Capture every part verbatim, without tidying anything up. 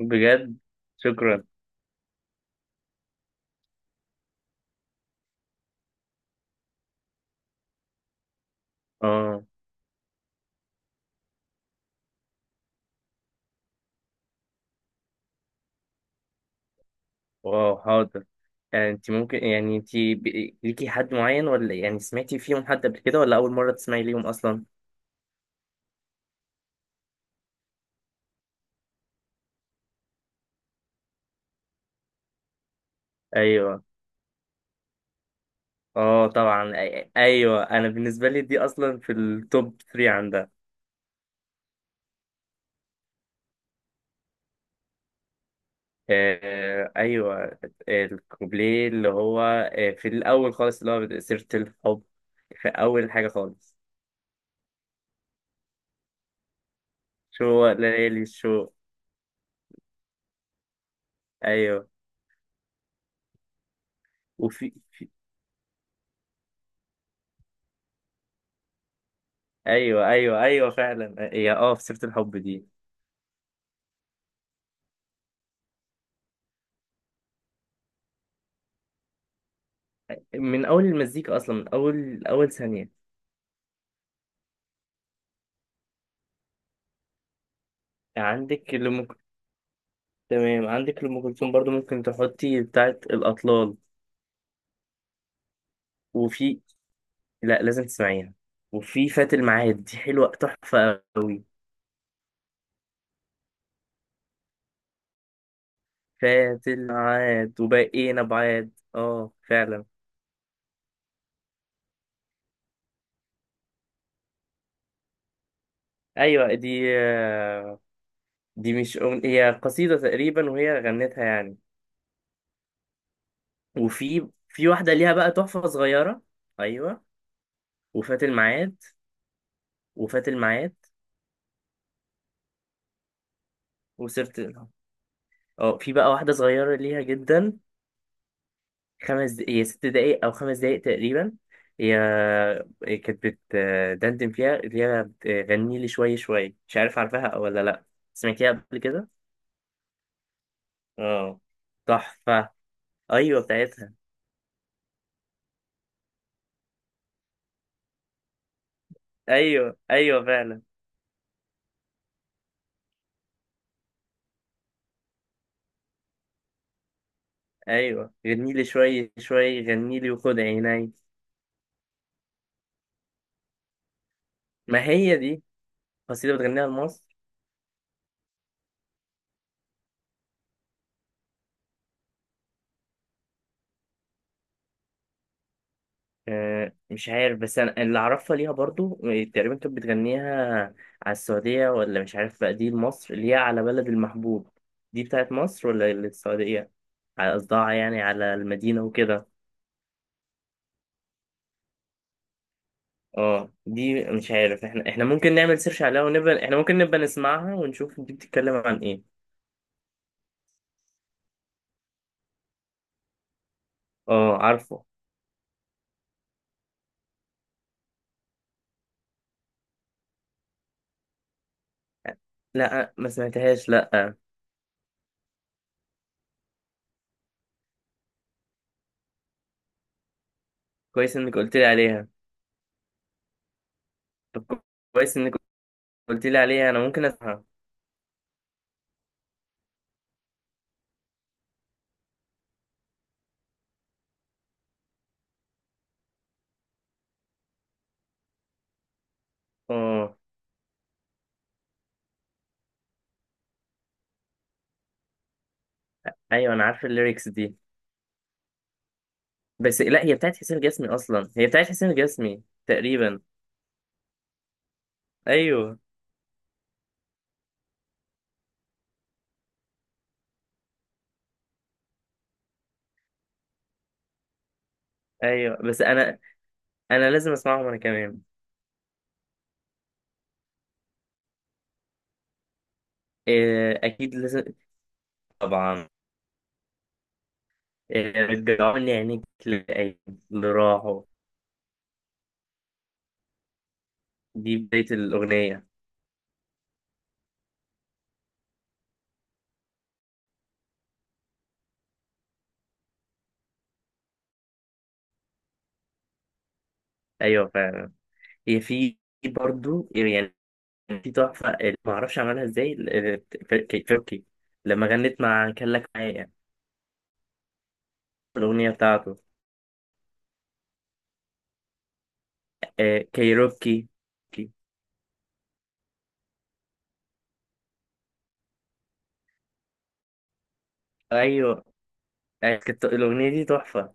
بجد. شكرا. اه. واو، حاضر. يعني انت ممكن يعني انت ب- ليكي حد معين، ولا يعني سمعتي فيهم حد قبل كده، ولا اول مرة تسمعي ليهم اصلا؟ ايوه. اه طبعا، أي- ايوه، انا بالنسبة لي دي اصلا في التوب تلاتة عندها. آه ايوه. الكوبليه اللي هو آه، في الاول خالص اللي هو سيرة الحب. في اول حاجة خالص. شو ليالي شو. ايوه. وفي في-. ايوه ايوه ايوه فعلا هي اه في سيرة الحب دي. من اول المزيكا اصلا، من اول اول ثانيه. عندك لأم كلثوم. تمام، عندك لأم كلثوم برضو ممكن تحطي بتاعه الاطلال. وفي لا لازم تسمعيها. وفي فات الميعاد دي حلوه تحفه قوي. فات الميعاد وبقينا بعاد، اه فعلا. ايوه دي، آه، دي مش أغن... هي قصيده تقريبا، وهي غنتها يعني. وفي في واحده ليها بقى تحفه صغيره. ايوه. وفات الميعاد وفات الميعاد وسيره. اه، في بقى واحدة صغيرة ليها جدا. خمس د- هي ست دقايق أو خمس دقايق تقريبا. هي هي كانت بتدندن فيها اللي هي بتغني لي شوية شوية، مش عارف عارفاها أو ولا لأ. سمعتيها قبل كده؟ اه. تحفة. أيوة بتاعتها. أيوة أيوة فعلا. أيوة غني لي شوية شوية غني لي وخد عيني. ما هي دي قصيدة بتغنيها لمصر. آه، مش عارف، بس انا اللي اعرفها ليها برضو آه، تقريبا كانت بتغنيها على السعودية، ولا مش عارف بقى دي لمصر اللي هي على بلد المحبوب. دي بتاعت مصر ولا السعودية؟ على قصدها يعني على المدينة وكده. اه، دي مش عارف. احنا احنا ممكن نعمل سيرش عليها، ونبقى احنا ممكن نبقى نسمعها ونشوف دي بتتكلم عن ايه. اه عارفه. لا ما سمعتهاش، لا. كويس انك قلت لي عليها. طب كويس انك قلت لي عليها، انا ممكن اسمعها. اه ايوه، انا عارف الليركس دي. بس لا هي بتاعت حسين الجسمي، اصلا هي بتاعت حسين الجسمي تقريبا. ايوه ايوه. بس انا انا لازم اسمعهم انا كمان. إيه اكيد لازم. طبعا. إيه رجعوني عينيك للأيام اللي راحوا. دي بداية الأغنية. أيوة فعلا. هي في في برضو يعني. في تحفة اللي معرفش عملها ازاي ال- ال- ك- كايروكي، لما غنت مع كان لك معايا الأغنية بتاعته. إيه كايروكي. أيوة أيوة، كانت الأغنية دي تحفة.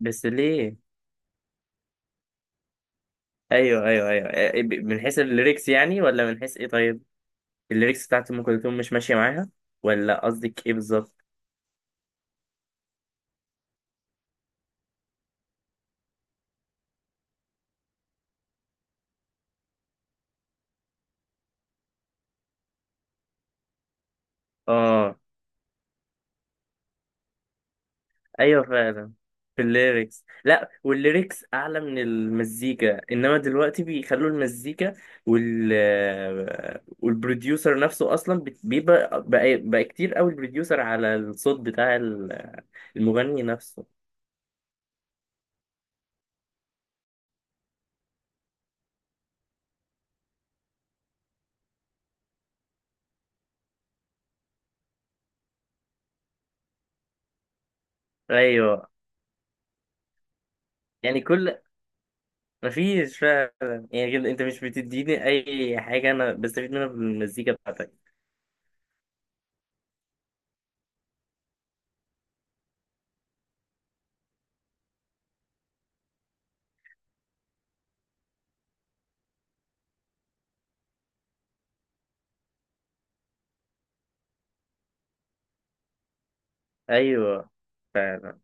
بس ليه؟ ايوه ايوه ايوه، إيه، من حيث الليركس يعني ولا من حيث ايه؟ طيب الليركس بتاعت ام كلثوم مش ماشيه معاها، ولا قصدك ايه بالظبط؟ اه ايوه فعلا، في الليركس، لا والليركس اعلى من المزيكا، انما دلوقتي بيخلوا المزيكا وال آه، والبروديوسر نفسه اصلا بت- بيبقى بقى, بقى كتير قوي البروديوسر على الصوت بتاع ال- المغني نفسه. ايوه. يعني كل مفيش فعلا، يعني كده انت مش بتديني اي حاجة انا بستفيد منها بالمزيكا بتاعتك. ايوه فعلا.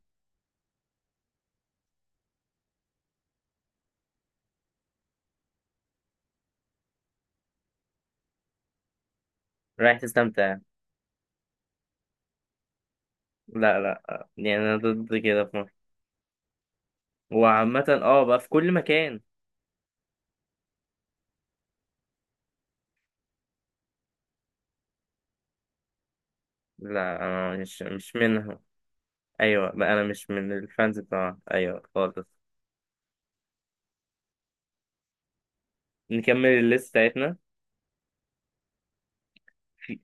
رايح تستمتع. لا لا. يعني انا ضد كده في مصر. وعامة اه بقى في كل مكان. لا انا مش مش منها. ايوه بقى انا مش من الفانز بتاعها، ايوه خالص. نكمل الليست بتاعتنا. في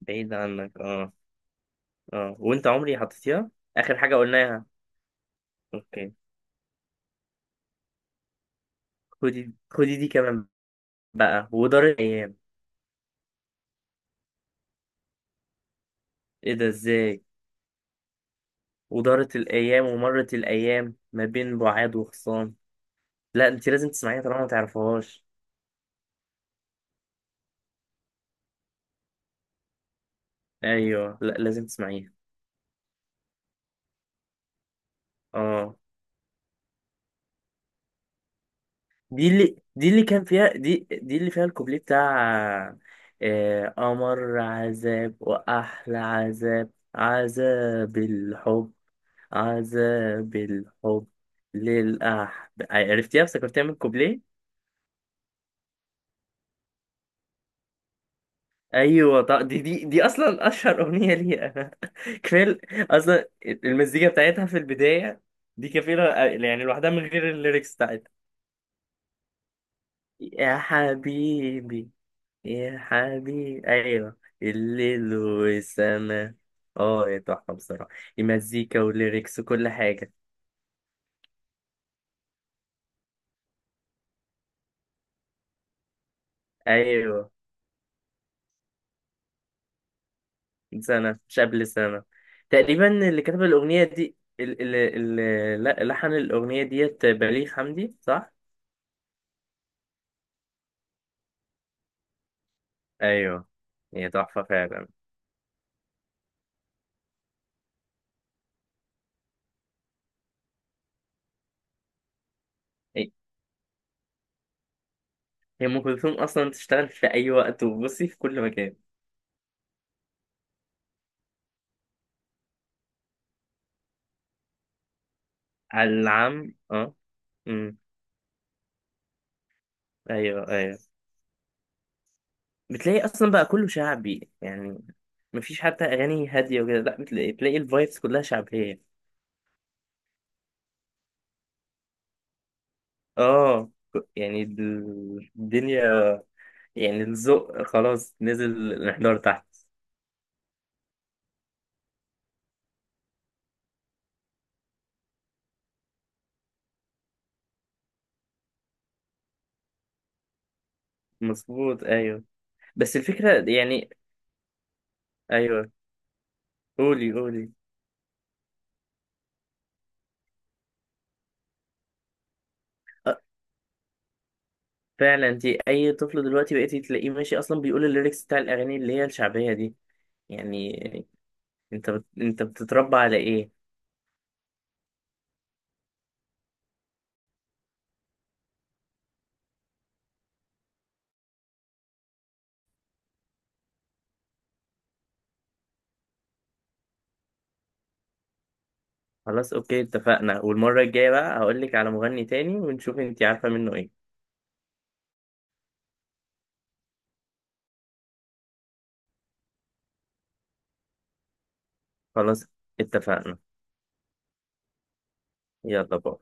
بعيد عنك، اه. اه وانت عمري حطيتيها. اخر حاجة قلناها. اوكي. خدي خدي دي كمان. بقى ودار الايام. ايه ده ازاي. ودارت الأيام ومرت الأيام ما بين بعاد وخصام. لا أنت لازم تسمعيها طالما ما تعرفهاش. أيوه لا لازم تسمعيها. اه. دي اللي دي اللي كان فيها دي دي اللي فيها الكوبليه بتاع آه، أمر عذاب وأحلى عذاب، عذاب الحب. عذاب الحب. للأحب، عرفتيها؟ افتكرتيها من الكوبليه. ايوه طب دي دي دي اصلا اشهر اغنيه ليها. كفايه. اصلا المزيكا بتاعتها في البدايه دي كفيله، يعني لوحدها من غير الليركس بتاعتها. يا حبيبي، يا حبيبي، ايوه. الليل والسما. اه يا تحفه بصراحه، المزيكا والليركس وكل حاجه. ايوه. سنه مش قبل سنه. تقريبا اللي كتب الاغنيه دي ال ال ال لا- لحن الاغنيه ديت بليغ حمدي صح. ايوه. هي تحفه فعلا. هي هي ام كلثوم اصلا تشتغل في اي وقت، وبصي في كل مكان. على العام اه. امم. ايوه ايوه. بتلاقي اصلا بقى كله شعبي يعني. مفيش حتى اغاني هاديه وكده، لا بتلاقي بتلاقي الفايبس كلها شعبيه. اه ك- يعني ال- الدنيا. يعني الذوق خلاص نزل الانحدار تحت. مظبوط ايوه. بس الفكره يعني. ايوه قولي قولي. فعلا انت اي طفل دلوقتي بقيتي تلاقيه ماشي اصلا بيقول الليركس بتاع الاغاني اللي هي الشعبيه دي، يعني انت بت... انت بتتربى على ايه. خلاص اوكي اتفقنا، والمره الجايه بقى هقول لك على مغني تاني ونشوف انت عارفه منه ايه. خلاص اتفقنا. يلا باي.